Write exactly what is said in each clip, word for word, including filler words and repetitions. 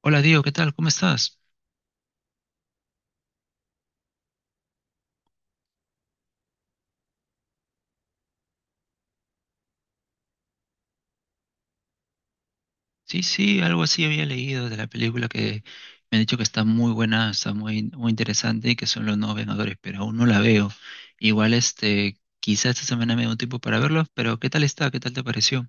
Hola Diego, ¿qué tal? ¿Cómo estás? Sí, sí, algo así había leído de la película que me han dicho que está muy buena, está muy, muy interesante y que son los nuevos Vengadores, pero aún no la veo. Igual este, quizás esta semana me dé un tiempo para verlo, pero ¿qué tal está? ¿Qué tal te pareció?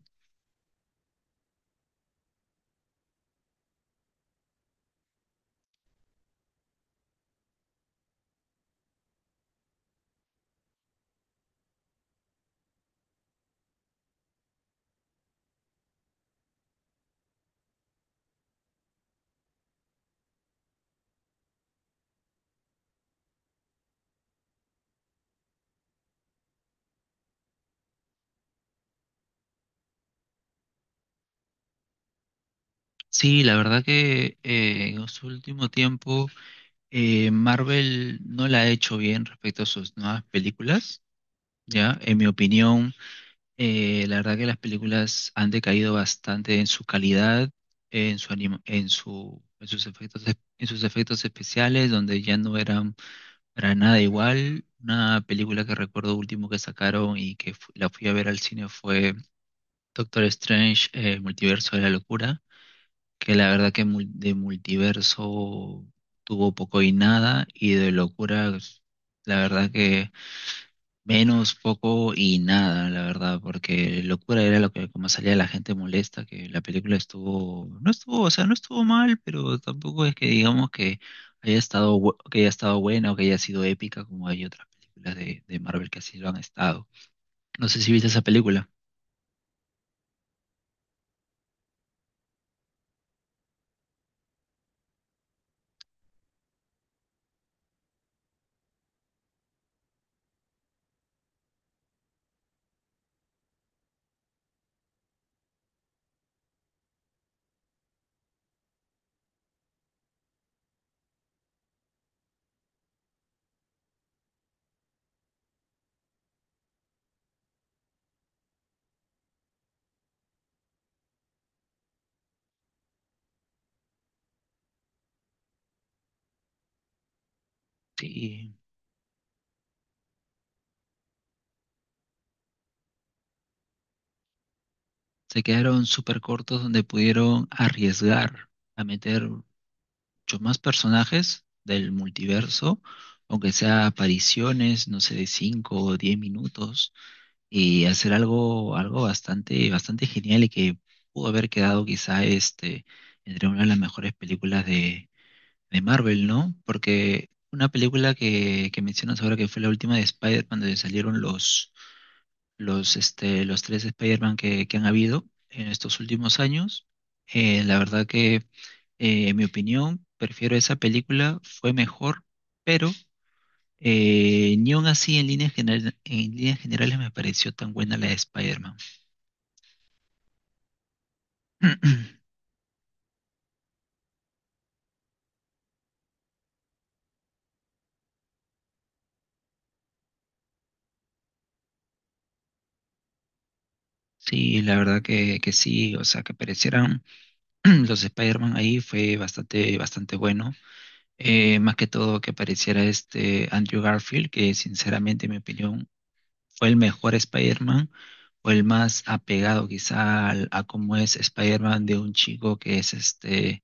Sí, la verdad que eh, en su último tiempo eh, Marvel no la ha hecho bien respecto a sus nuevas películas, ¿ya? En mi opinión. Eh, la verdad que las películas han decaído bastante en su calidad, en su anima- en su, en sus efectos, es- en sus efectos especiales, donde ya no eran para nada igual. Una película que recuerdo último que sacaron y que fu- la fui a ver al cine fue Doctor Strange, eh, Multiverso de la Locura, que la verdad que mul- de multiverso tuvo poco y nada, y de locura, la verdad que Menos, poco y nada, la verdad, porque locura era lo que como salía la gente molesta, que la película estuvo, no estuvo, o sea, no estuvo mal, pero tampoco es que digamos que haya estado, bu- que haya estado buena o que haya sido épica como hay otras películas de, de Marvel que así lo han estado. No sé si viste esa película. Sí, se quedaron súper cortos donde pudieron arriesgar a meter muchos más personajes del multiverso, aunque sea apariciones, no sé, de cinco o diez minutos y hacer algo, algo bastante, bastante genial y que pudo haber quedado quizá este, entre una de las mejores películas de, de Marvel, ¿no? Porque una película que, que mencionas ahora que fue la última de Spider-Man, donde salieron los, los, este, los tres Spider-Man que, que han habido en estos últimos años, eh, la verdad que, eh, en mi opinión, prefiero esa película, fue mejor, pero... Eh, ni aun así en líneas general- en líneas generales me pareció tan buena la de Spider-Man. Sí, la verdad que, que sí, o sea, que aparecieran los Spider-Man ahí fue bastante, bastante bueno. Eh, más que todo que apareciera este Andrew Garfield, que sinceramente, en mi opinión, fue el mejor Spider-Man o el más apegado quizá al- a cómo es Spider-Man, de un chico que es este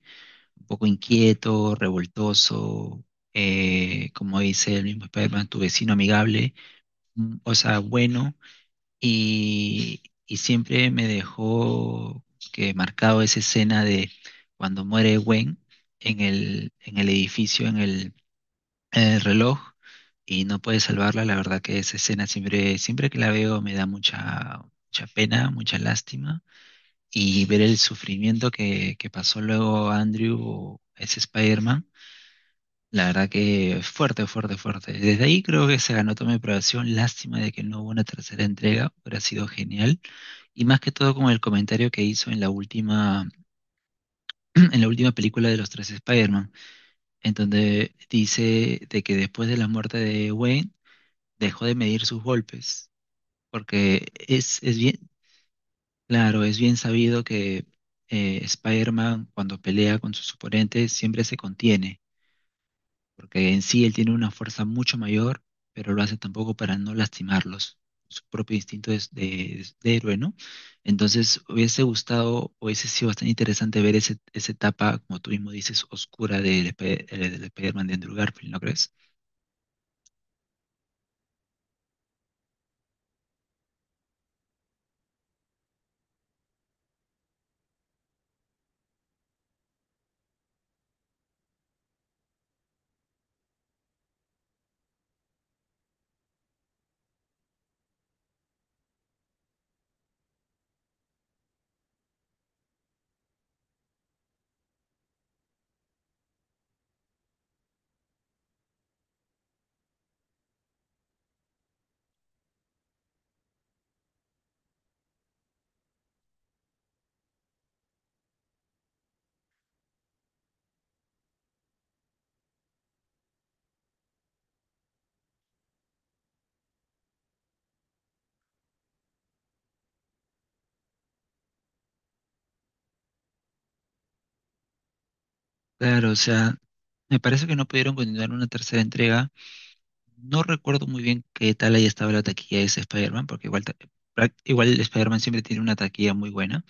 un poco inquieto, revoltoso, eh, como dice el mismo Spider-Man, tu vecino amigable, mm, o sea, bueno. Y, y siempre me dejó que marcado esa escena de cuando muere Gwen en el, en el edificio, en el, en el reloj, y no puede salvarla. La verdad que esa escena siempre, siempre que la veo me da mucha, mucha pena, mucha lástima. Y ver el sufrimiento que, que pasó luego Andrew, o ese Spider-Man, la verdad que fuerte, fuerte, fuerte. Desde ahí creo que se ganó toda mi aprobación. Lástima de que no hubo una tercera entrega, hubiera sido genial, y más que todo con el comentario que hizo en la última, en la última película de los tres Spider-Man, en donde dice de que después de la muerte de Wayne dejó de medir sus golpes, porque es, es bien, claro, es bien sabido que eh, Spider-Man cuando pelea con sus oponentes siempre se contiene porque en sí él tiene una fuerza mucho mayor, pero lo hace tampoco para no lastimarlos, su propio instinto es de, de héroe, ¿no? Entonces hubiese gustado, hubiese sido bastante interesante ver ese, esa etapa, como tú mismo dices, oscura del Sp- eh, del Spider-Man de Andrew Garfield, ¿no crees? Claro, o sea, me parece que no pudieron continuar una tercera entrega. No recuerdo muy bien qué tal ahí estaba la taquilla de ese Spider-Man, porque igual, ta- prac- igual el Spider-Man siempre tiene una taquilla muy buena,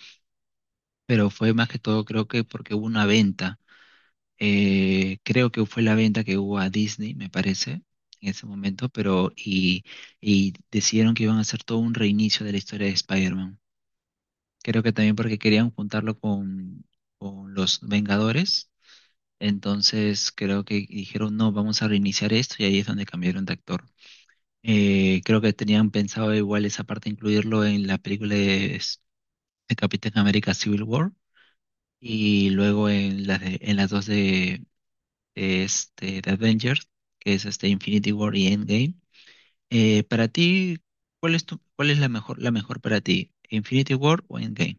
pero fue más que todo creo que porque hubo una venta. Eh, creo que fue la venta que hubo a Disney, me parece, en ese momento, pero y, y decidieron que iban a hacer todo un reinicio de la historia de Spider-Man. Creo que también porque querían juntarlo con, con los Vengadores. Entonces creo que dijeron, no, vamos a reiniciar esto y ahí es donde cambiaron de actor. Eh, creo que tenían pensado igual esa parte incluirlo en la película de, de Capitán América Civil War y luego en las de- en las dos este, de Avengers, que es este Infinity War y Endgame. Eh, para ti, ¿cuál es tu, cuál es la mejor, la mejor para ti? ¿Infinity War o Endgame?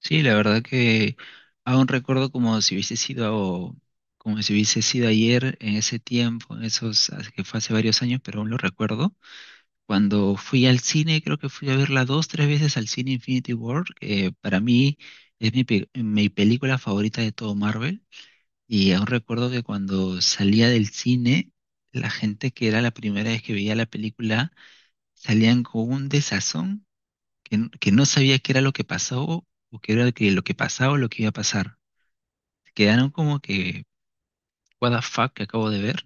Sí, la verdad que aún recuerdo como si hubiese sido, como si hubiese sido ayer en ese tiempo, en esos, hace- que fue hace varios años, pero aún lo recuerdo. Cuando fui al cine, creo que fui a verla dos, tres veces al cine Infinity War, que para mí es mi, pe- mi película favorita de todo Marvel. Y aún recuerdo que cuando salía del cine, la gente que era la primera vez que veía la película salían con un desazón que, n- que no sabía qué era lo que pasó o qué era que- lo que pasaba o lo que iba a pasar. Quedaron como que, what the fuck que acabo de ver.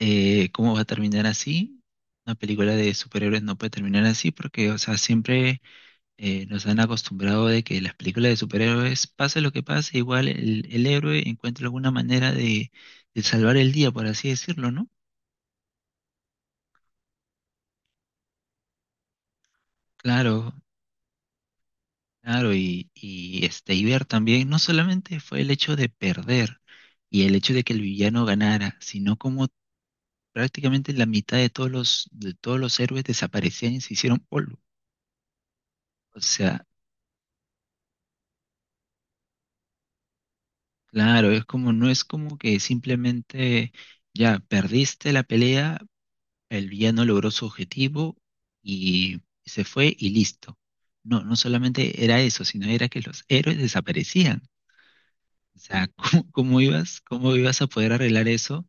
Eh, ¿cómo va a terminar así? Una película de superhéroes no puede terminar así porque, o sea, siempre eh, nos han acostumbrado de que las películas de superhéroes, pase lo que pase, igual el, el héroe encuentra alguna manera de, de salvar el día, por así decirlo, ¿no? Claro, claro, y, y este, y ver también, no solamente fue el hecho de perder y el hecho de que el villano ganara, sino como prácticamente la mitad de todos los, de todos los héroes desaparecían y se hicieron polvo. O sea, claro, es como, no es como que simplemente ya perdiste la pelea. El villano logró su objetivo y se fue y listo. No, no solamente era eso, sino era que los héroes desaparecían. O sea, ¿cómo, cómo ibas, cómo ibas a poder arreglar eso?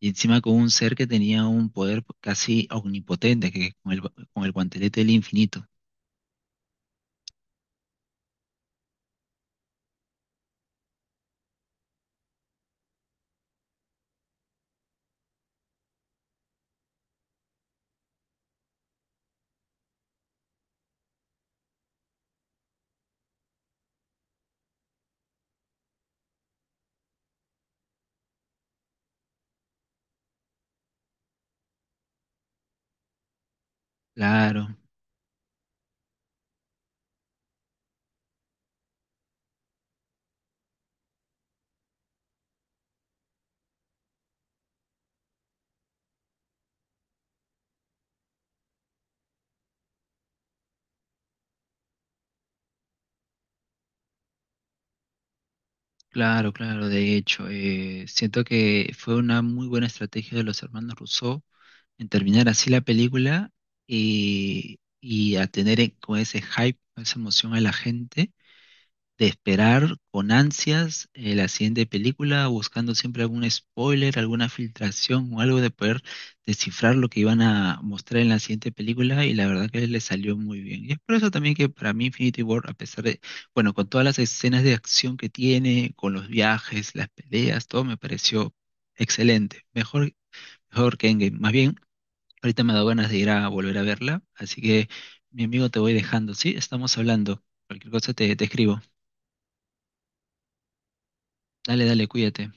Y encima con un ser que tenía un poder casi omnipotente, que con el, con el guantelete del infinito. Claro, claro, claro. De hecho, eh, siento que fue una muy buena estrategia de los hermanos Rousseau en terminar así la película, eh, y a tener eh, con ese hype, con esa emoción a la gente, de esperar con ansias eh, la siguiente película, buscando siempre algún spoiler, alguna filtración o algo de poder descifrar lo que iban a mostrar en la siguiente película, y la verdad que le salió muy bien. Y es por eso también que para mí Infinity War, a pesar de, bueno, con todas las escenas de acción que tiene, con los viajes, las peleas, todo me pareció excelente, mejor, mejor que Endgame. Más bien, ahorita me ha dado ganas de ir a volver a verla, así que mi amigo te voy dejando, ¿sí? Estamos hablando. Cualquier cosa te, te escribo. Dale, dale, cuídate.